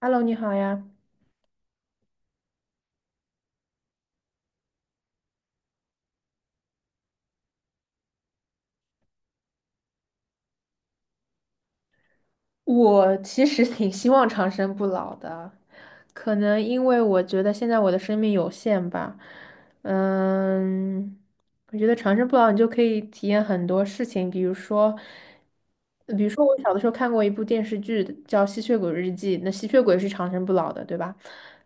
Hello，你好呀。我其实 挺希望长生不老的，可能因为我觉得现在我的生命有限吧。嗯，我觉得长生不老，你就可以体验很多事情，比如说，我小的时候看过一部电视剧叫《吸血鬼日记》，那吸血鬼是长生不老的，对吧？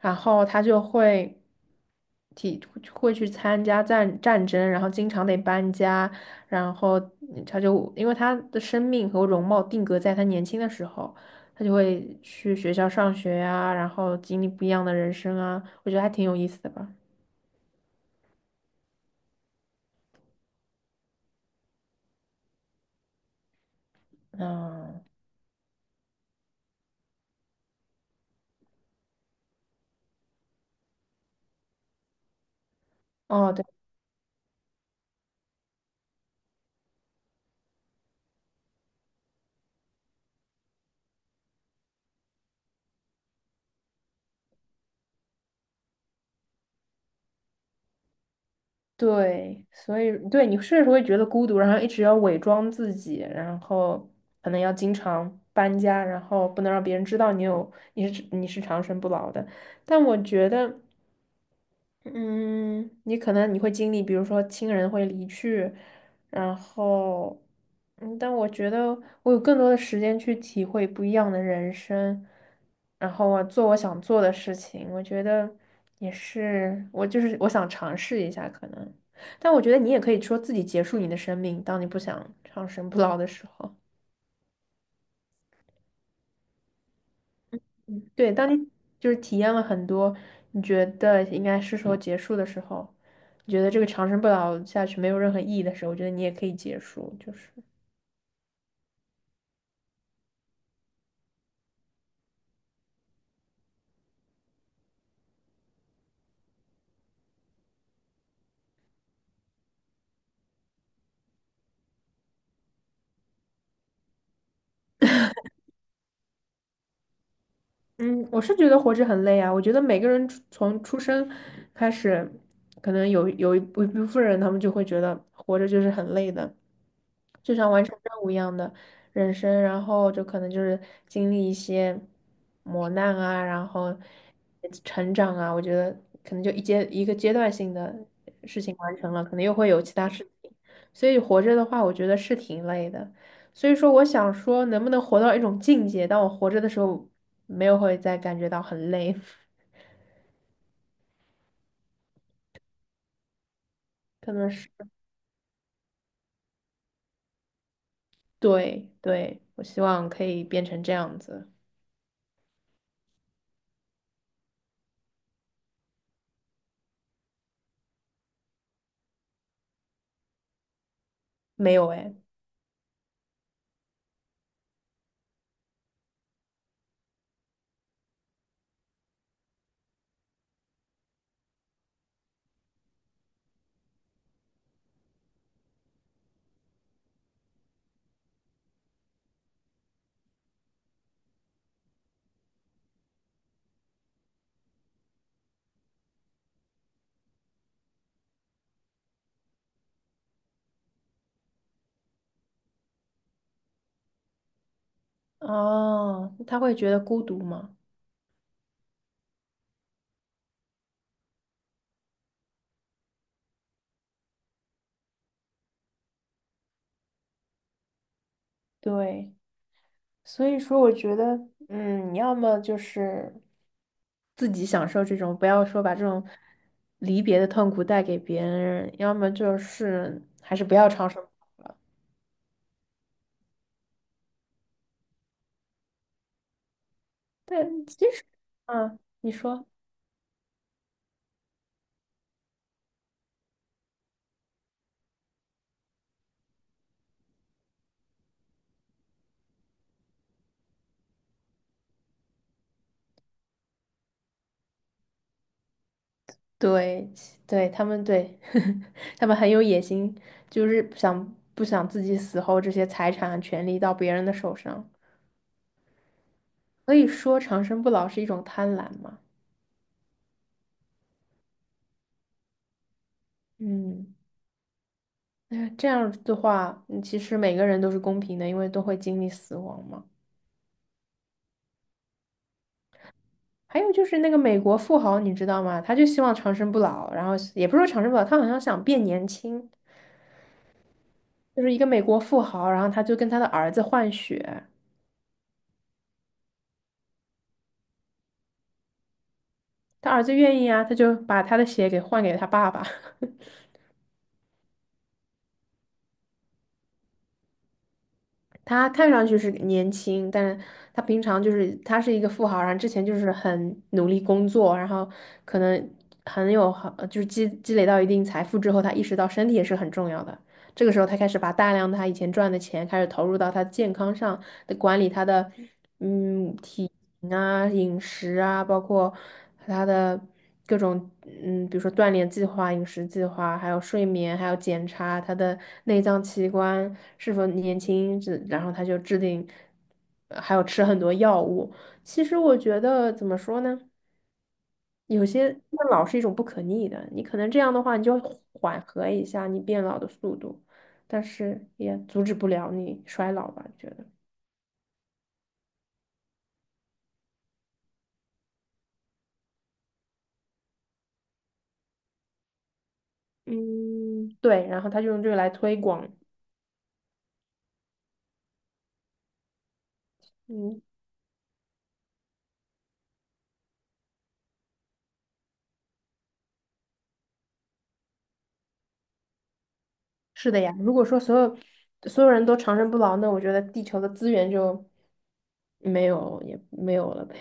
然后他就会去参加战争，然后经常得搬家，然后他就因为他的生命和容貌定格在他年轻的时候，他就会去学校上学呀、然后经历不一样的人生啊，我觉得还挺有意思的吧。嗯。哦，对对。所以对你是会觉得孤独，然后一直要伪装自己，然后可能要经常搬家，然后不能让别人知道你是长生不老的，但我觉得。嗯，你可能会经历，比如说亲人会离去，然后，但我觉得我有更多的时间去体会不一样的人生，然后我做我想做的事情，我觉得也是，我就是我想尝试一下可能，但我觉得你也可以说自己结束你的生命，当你不想长生不老的时候。对，当你就是体验了很多，你觉得应该是时候结束的时候，你觉得这个长生不老下去没有任何意义的时候，我觉得你也可以结束，就是。嗯，我是觉得活着很累啊。我觉得每个人从出生开始，可能有一部分人，他们就会觉得活着就是很累的，就像完成任务一样的人生，然后就可能就是经历一些磨难啊，然后成长啊。我觉得可能就一个阶段性的事情完成了，可能又会有其他事情，所以活着的话，我觉得是挺累的。所以说，我想说，能不能活到一种境界，当我活着的时候，没有会再感觉到很累，可能是。对对，我希望可以变成这样子。没有哎。哦，他会觉得孤独吗？对，所以说我觉得，要么就是自己享受这种，不要说把这种离别的痛苦带给别人，要么就是还是不要长生不老了。但其实，啊，你说。对，对，他们对，他们很有野心，就是想不想自己死后这些财产啊权利到别人的手上？可以说长生不老是一种贪婪嘛。嗯，那这样的话，其实每个人都是公平的，因为都会经历死亡嘛。还有就是那个美国富豪，你知道吗？他就希望长生不老，然后也不是说长生不老，他好像想变年轻，就是一个美国富豪，然后他就跟他的儿子换血，他儿子愿意啊，他就把他的血给换给他爸爸。他看上去是年轻，但是他平常就是他是一个富豪，然后之前就是很努力工作，然后可能很有好，就是积累到一定财富之后，他意识到身体也是很重要的。这个时候，他开始把大量他以前赚的钱开始投入到他的健康上，得管理他的体型啊、饮食啊，包括他的各种比如说锻炼计划、饮食计划，还有睡眠，还有检查他的内脏器官是否年轻，这然后他就制定，还有吃很多药物。其实我觉得怎么说呢？有些变老是一种不可逆的，你可能这样的话，你就会缓和一下你变老的速度，但是也阻止不了你衰老吧，觉得。嗯，对，然后他就用这个来推广。嗯，是的呀。如果说所有人都长生不老，那我觉得地球的资源就没有，也没有了呗，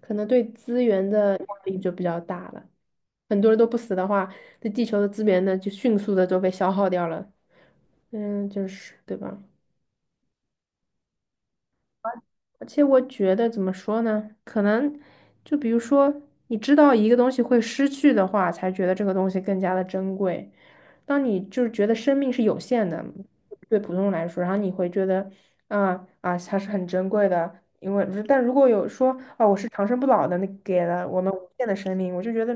可能对资源的压力就比较大了。很多人都不死的话，这地球的资源呢就迅速的都被消耗掉了。嗯，就是对吧？而且我觉得怎么说呢？可能就比如说，你知道一个东西会失去的话，才觉得这个东西更加的珍贵。当你就是觉得生命是有限的，对普通人来说，然后你会觉得，啊啊，它是很珍贵的。因为，但如果有说，哦，我是长生不老的，那给了我们无限的生命，我就觉得，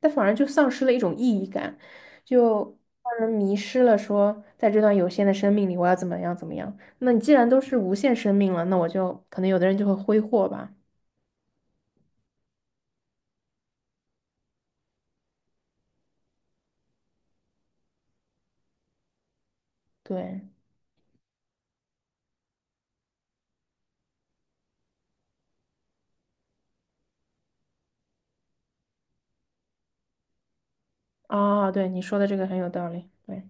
但反而就丧失了一种意义感，就让人迷失了说，在这段有限的生命里，我要怎么样怎么样。那你既然都是无限生命了，那我就可能有的人就会挥霍吧。对，啊，对，你说的这个很有道理。对。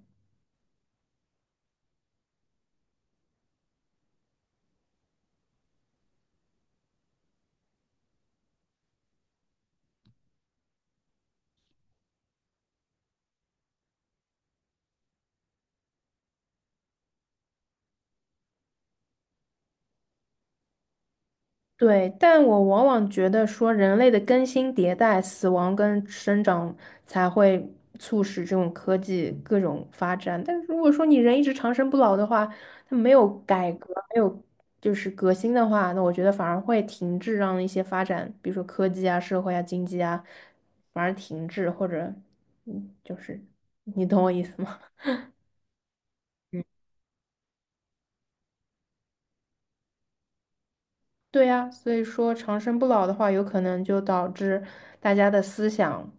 对，但我往往觉得说，人类的更新迭代、死亡跟生长才会促使这种科技各种发展。但如果说你人一直长生不老的话，那没有改革，没有就是革新的话，那我觉得反而会停滞，让一些发展，比如说科技啊、社会啊、经济啊，反而停滞，或者就是你懂我意思吗？对呀，所以说长生不老的话，有可能就导致大家的思想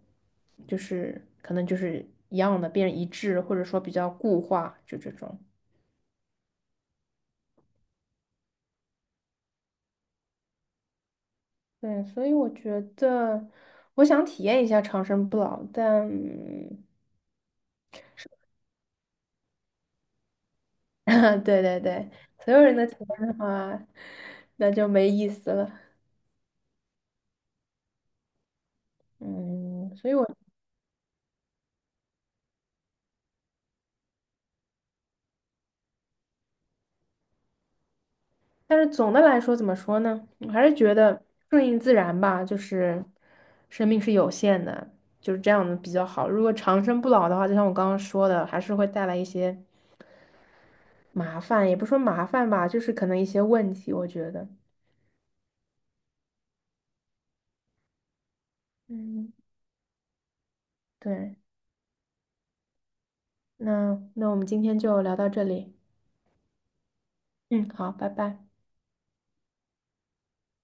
就是可能就是一样的，变一致，或者说比较固化，就这种。对，所以我觉得我想体验一下长生不老，但 对对对，所有人的体验的话，那就没意思了。嗯，所以我但是总的来说，怎么说呢？我还是觉得顺应自然吧，就是生命是有限的，就是这样的比较好。如果长生不老的话，就像我刚刚说的，还是会带来一些麻烦，也不说麻烦吧，就是可能一些问题，我觉得。嗯，对。那我们今天就聊到这里。嗯，好，拜拜。